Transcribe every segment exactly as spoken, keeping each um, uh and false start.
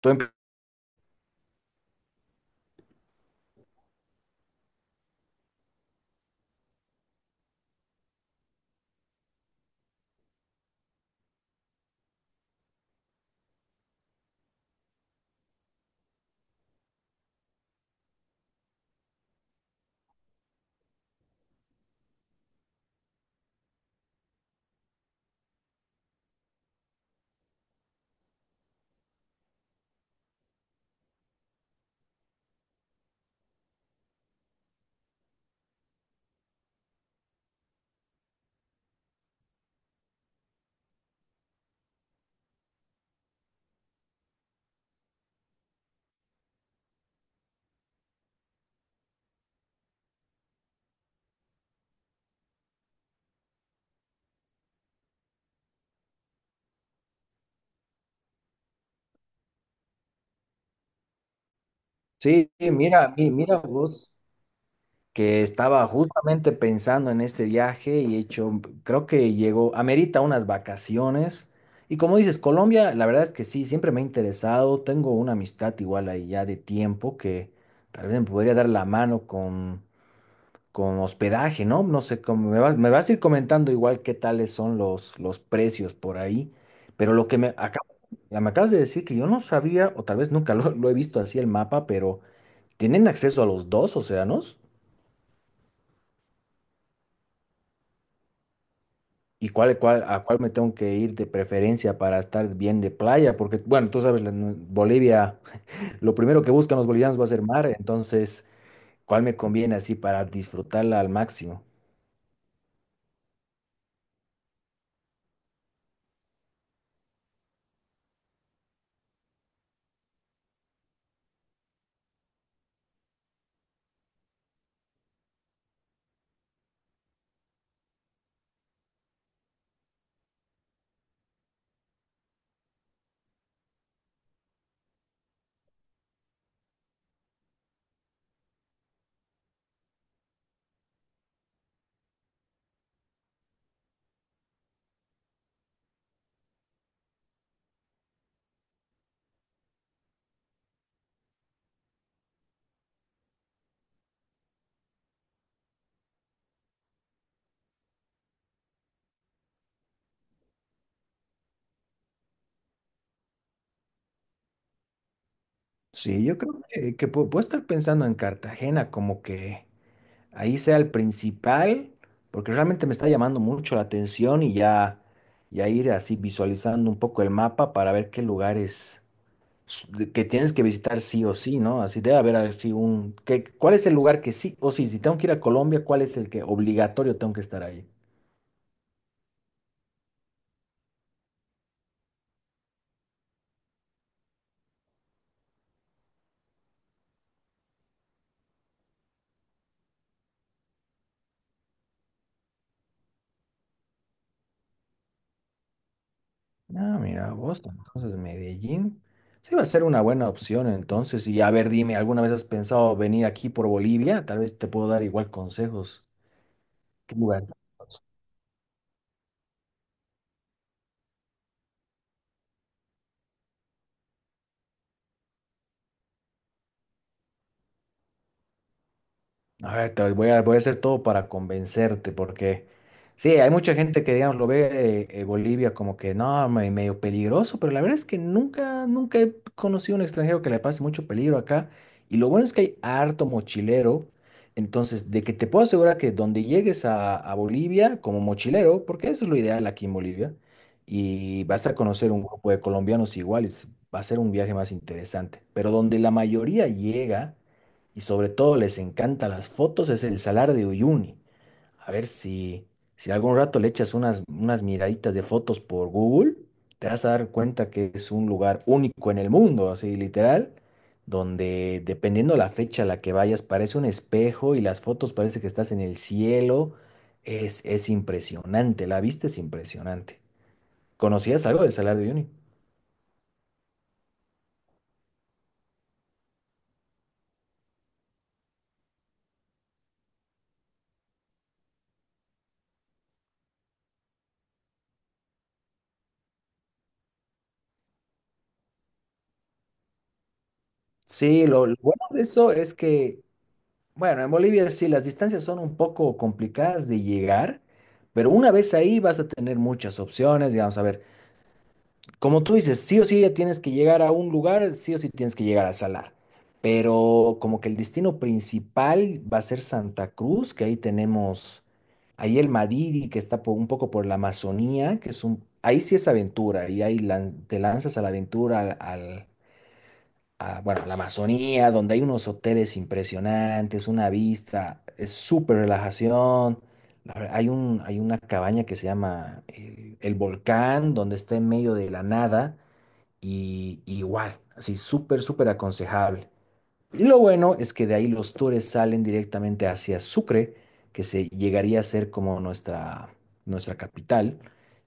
Tú empe- Sí, mira, mi- mira vos, que estaba justamente pensando en este viaje y he hecho, creo que llegó, amerita unas vacaciones. Y como dices, Colombia, la verdad es que sí, siempre me ha interesado. Tengo una amistad igual ahí ya de tiempo que tal vez me podría dar la mano con, con hospedaje, ¿no? No sé cómo me vas, me vas a ir comentando igual qué tales son los, los precios por ahí. Pero lo que me, acá, me acabas de decir que yo no sabía, o tal vez nunca lo lo he visto así el mapa, pero. ¿Tienen acceso a los dos océanos? ¿Y cuál, cuál, a cuál me tengo que ir de preferencia para estar bien de playa? Porque, bueno, tú sabes, la- en Bolivia, lo primero que buscan los bolivianos va a ser mar, entonces, ¿cuál me conviene así para disfrutarla al máximo? Sí, yo creo que, que pu- puedo estar pensando en Cartagena, como que ahí sea el principal, porque realmente me está llamando mucho la atención y ya, ya ir así visualizando un poco el mapa para ver qué lugares s- de- que tienes que visitar sí o sí, ¿no? Así debe haber así un... que- ¿cuál es el lugar que sí o sí? Si tengo que ir a Colombia, ¿cuál es el que obligatorio tengo que estar ahí? Ah, mira, vos, entonces Medellín. Sí va a ser una buena opción entonces. Y a ver, dime, ¿alguna vez has pensado venir aquí por Bolivia? Tal vez te puedo dar igual consejos. ¿Qué lugar? A ver, te voy a, voy a hacer todo para convencerte, porque sí, hay mucha gente que, digamos, lo ve eh, eh, Bolivia como que no, me- medio peligroso, pero la verdad es que nunca, nunca he conocido a un extranjero que le pase mucho peligro acá. Y lo bueno es que hay harto mochilero, entonces, de que te puedo asegurar que donde llegues a, a Bolivia como mochilero, porque eso es lo ideal aquí en Bolivia, y vas a conocer un grupo de colombianos iguales, va a ser un viaje más interesante, pero donde la mayoría llega y sobre todo les encantan las fotos, es el Salar de Uyuni. A ver si, si algún rato le echas unas, unas miraditas de fotos por Google, te vas a dar cuenta que es un lugar único en el mundo, así literal, donde dependiendo la fecha a la que vayas, parece un espejo y las fotos parece que estás en el cielo. Es, es impresionante, la vista es impresionante. ¿Conocías algo del Salar de Uyuni? Sí, lo, lo bueno de eso es que bueno, en Bolivia sí, las distancias son un poco complicadas de llegar, pero una vez ahí vas a tener muchas opciones, digamos, a ver, como tú dices, sí o sí ya tienes que llegar a un lugar, sí o sí tienes que llegar a Salar, pero como que el destino principal va a ser Santa Cruz, que ahí tenemos, ahí el Madidi, que está po- un poco por la Amazonía, que es un, ahí sí es aventura, y ahí lan- te lanzas a la aventura, al, a, bueno, a la Amazonía, donde hay unos hoteles impresionantes, una vista, es súper relajación. La ver- Hay un, hay una cabaña que se llama el, el Volcán, donde está en medio de la nada y y igual, así súper, súper aconsejable. Y lo bueno es que de ahí los tours salen directamente hacia Sucre, que se llegaría a ser como nuestra, nuestra capital.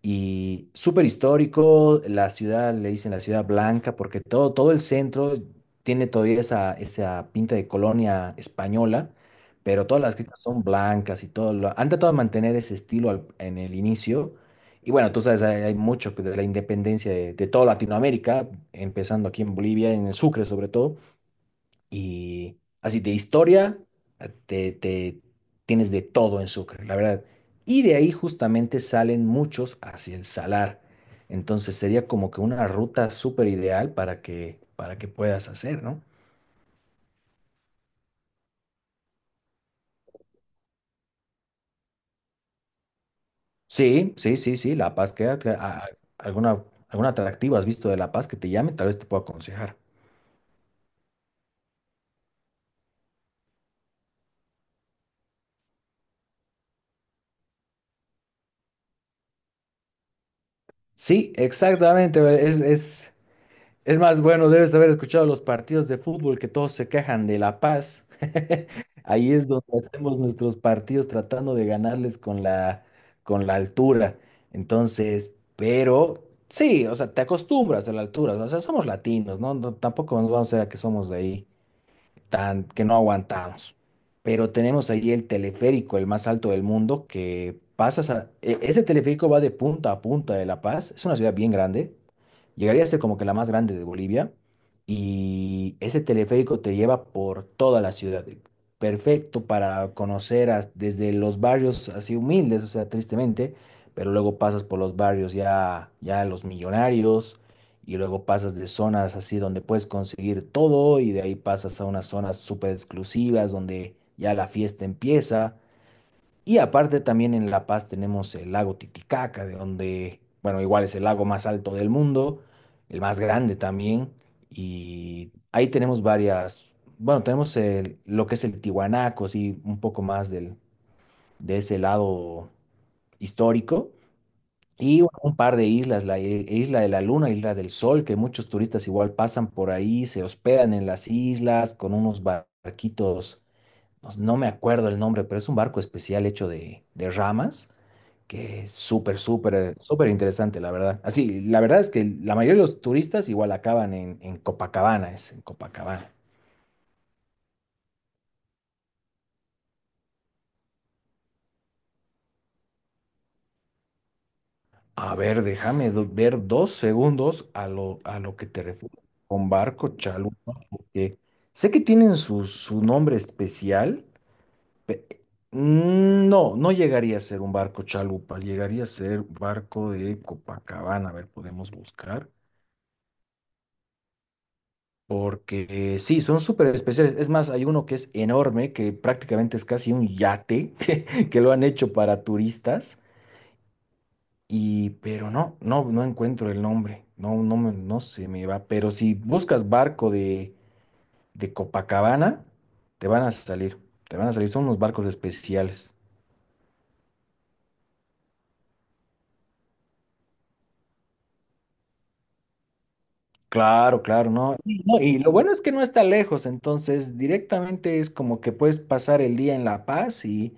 Y súper histórico, la ciudad le dicen la ciudad blanca, porque todo, todo el centro tiene todavía esa, esa pinta de colonia española, pero todas las casas son blancas y todo. Lo, han tratado de mantener ese estilo al- en el inicio. Y bueno, tú sabes, hay, hay mucho que de la independencia de, de toda Latinoamérica, empezando aquí en Bolivia, en el Sucre sobre todo. Y así de historia, ah, te, te- tienes de todo en Sucre, la verdad. Y de ahí justamente salen muchos hacia el Salar. Entonces sería como que una ruta súper ideal para que, para que puedas hacer, ¿no? Sí, sí, sí, sí, La Paz queda. que- a- a- ¿Alguna, alguna atractiva has visto de La Paz que te llame? Tal vez te pueda aconsejar. Sí, exactamente. Es, es, es más, bueno, debes haber escuchado los partidos de fútbol que todos se quejan de La Paz. Ahí es donde hacemos nuestros partidos tratando de ganarles con la, con la altura. Entonces, pero sí, o sea, te acostumbras a la altura. O sea, somos latinos, ¿no? No, tampoco nos vamos a ver que somos de ahí, tan, que no aguantamos. Pero tenemos ahí el teleférico, el más alto del mundo, que pasas a... e- Ese teleférico va de punta a punta de La Paz. Es una ciudad bien grande, llegaría a ser como que la más grande de Bolivia y ese teleférico te lleva por toda la ciudad. Perfecto para conocer as- desde los barrios así humildes, o sea, tristemente, pero luego pasas por los barrios ya, ya los millonarios y luego pasas de zonas así donde puedes conseguir todo y de ahí pasas a unas zonas súper exclusivas donde ya la fiesta empieza. Y aparte también en La Paz tenemos el lago Titicaca, de donde, bueno, igual es el lago más alto del mundo, el más grande también, y ahí tenemos varias, bueno, tenemos el- lo que es el Tiwanaku, sí, un poco más del, de ese lado histórico, y bueno, un par de islas, la i- Isla de la Luna, Isla del Sol, que muchos turistas igual pasan por ahí, se hospedan en las islas con unos barquitos, no no me acuerdo el nombre, pero es un barco especial hecho de, de ramas, que es súper, súper, súper interesante, la verdad. Así, la verdad es que la mayoría de los turistas igual acaban en, en Copacabana, es en Copacabana. A ver, déjame do- ver dos segundos a lo, a lo que te refieres con barco chalupa, que sé que tienen su, su nombre especial. pe- mm, No, no llegaría a ser un barco chalupa, llegaría a ser barco de Copacabana. A ver, podemos buscar. Porque sí, son súper especiales. Es más, hay uno que es enorme, que prácticamente es casi un yate, que, que lo han hecho para turistas. Y, pero no, no, no encuentro el nombre. No, no, me- no se me va. Pero si buscas barco de, de Copacabana, te van a salir. Te van a salir. Son unos barcos especiales. Claro, claro, ¿no? Y no, y lo bueno es que no está lejos, entonces directamente es como que puedes pasar el día en La Paz y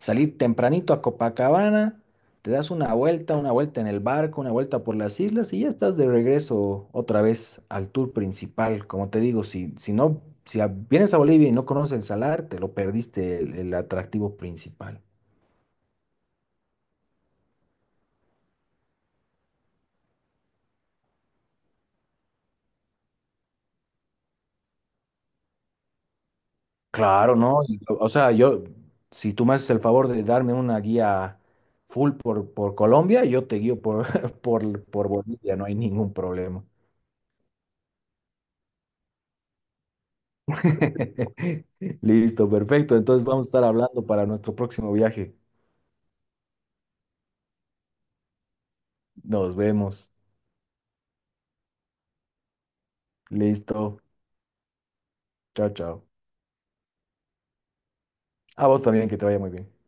salir tempranito a Copacabana, te das una vuelta, una vuelta en el barco, una vuelta por las islas y ya estás de regreso otra vez al tour principal. Como te digo, si, si no, si a- vienes a Bolivia y no conoces el salar, te lo perdiste el el atractivo principal. Claro, ¿no? Y, o sea, yo, si tú me haces el favor de darme una guía full por, por Colombia, yo te guío por, por, por Bolivia, no hay ningún problema. Listo, perfecto. Entonces vamos a estar hablando para nuestro próximo viaje. Nos vemos. Listo. Chao, chao. A vos también, que te vaya muy bien.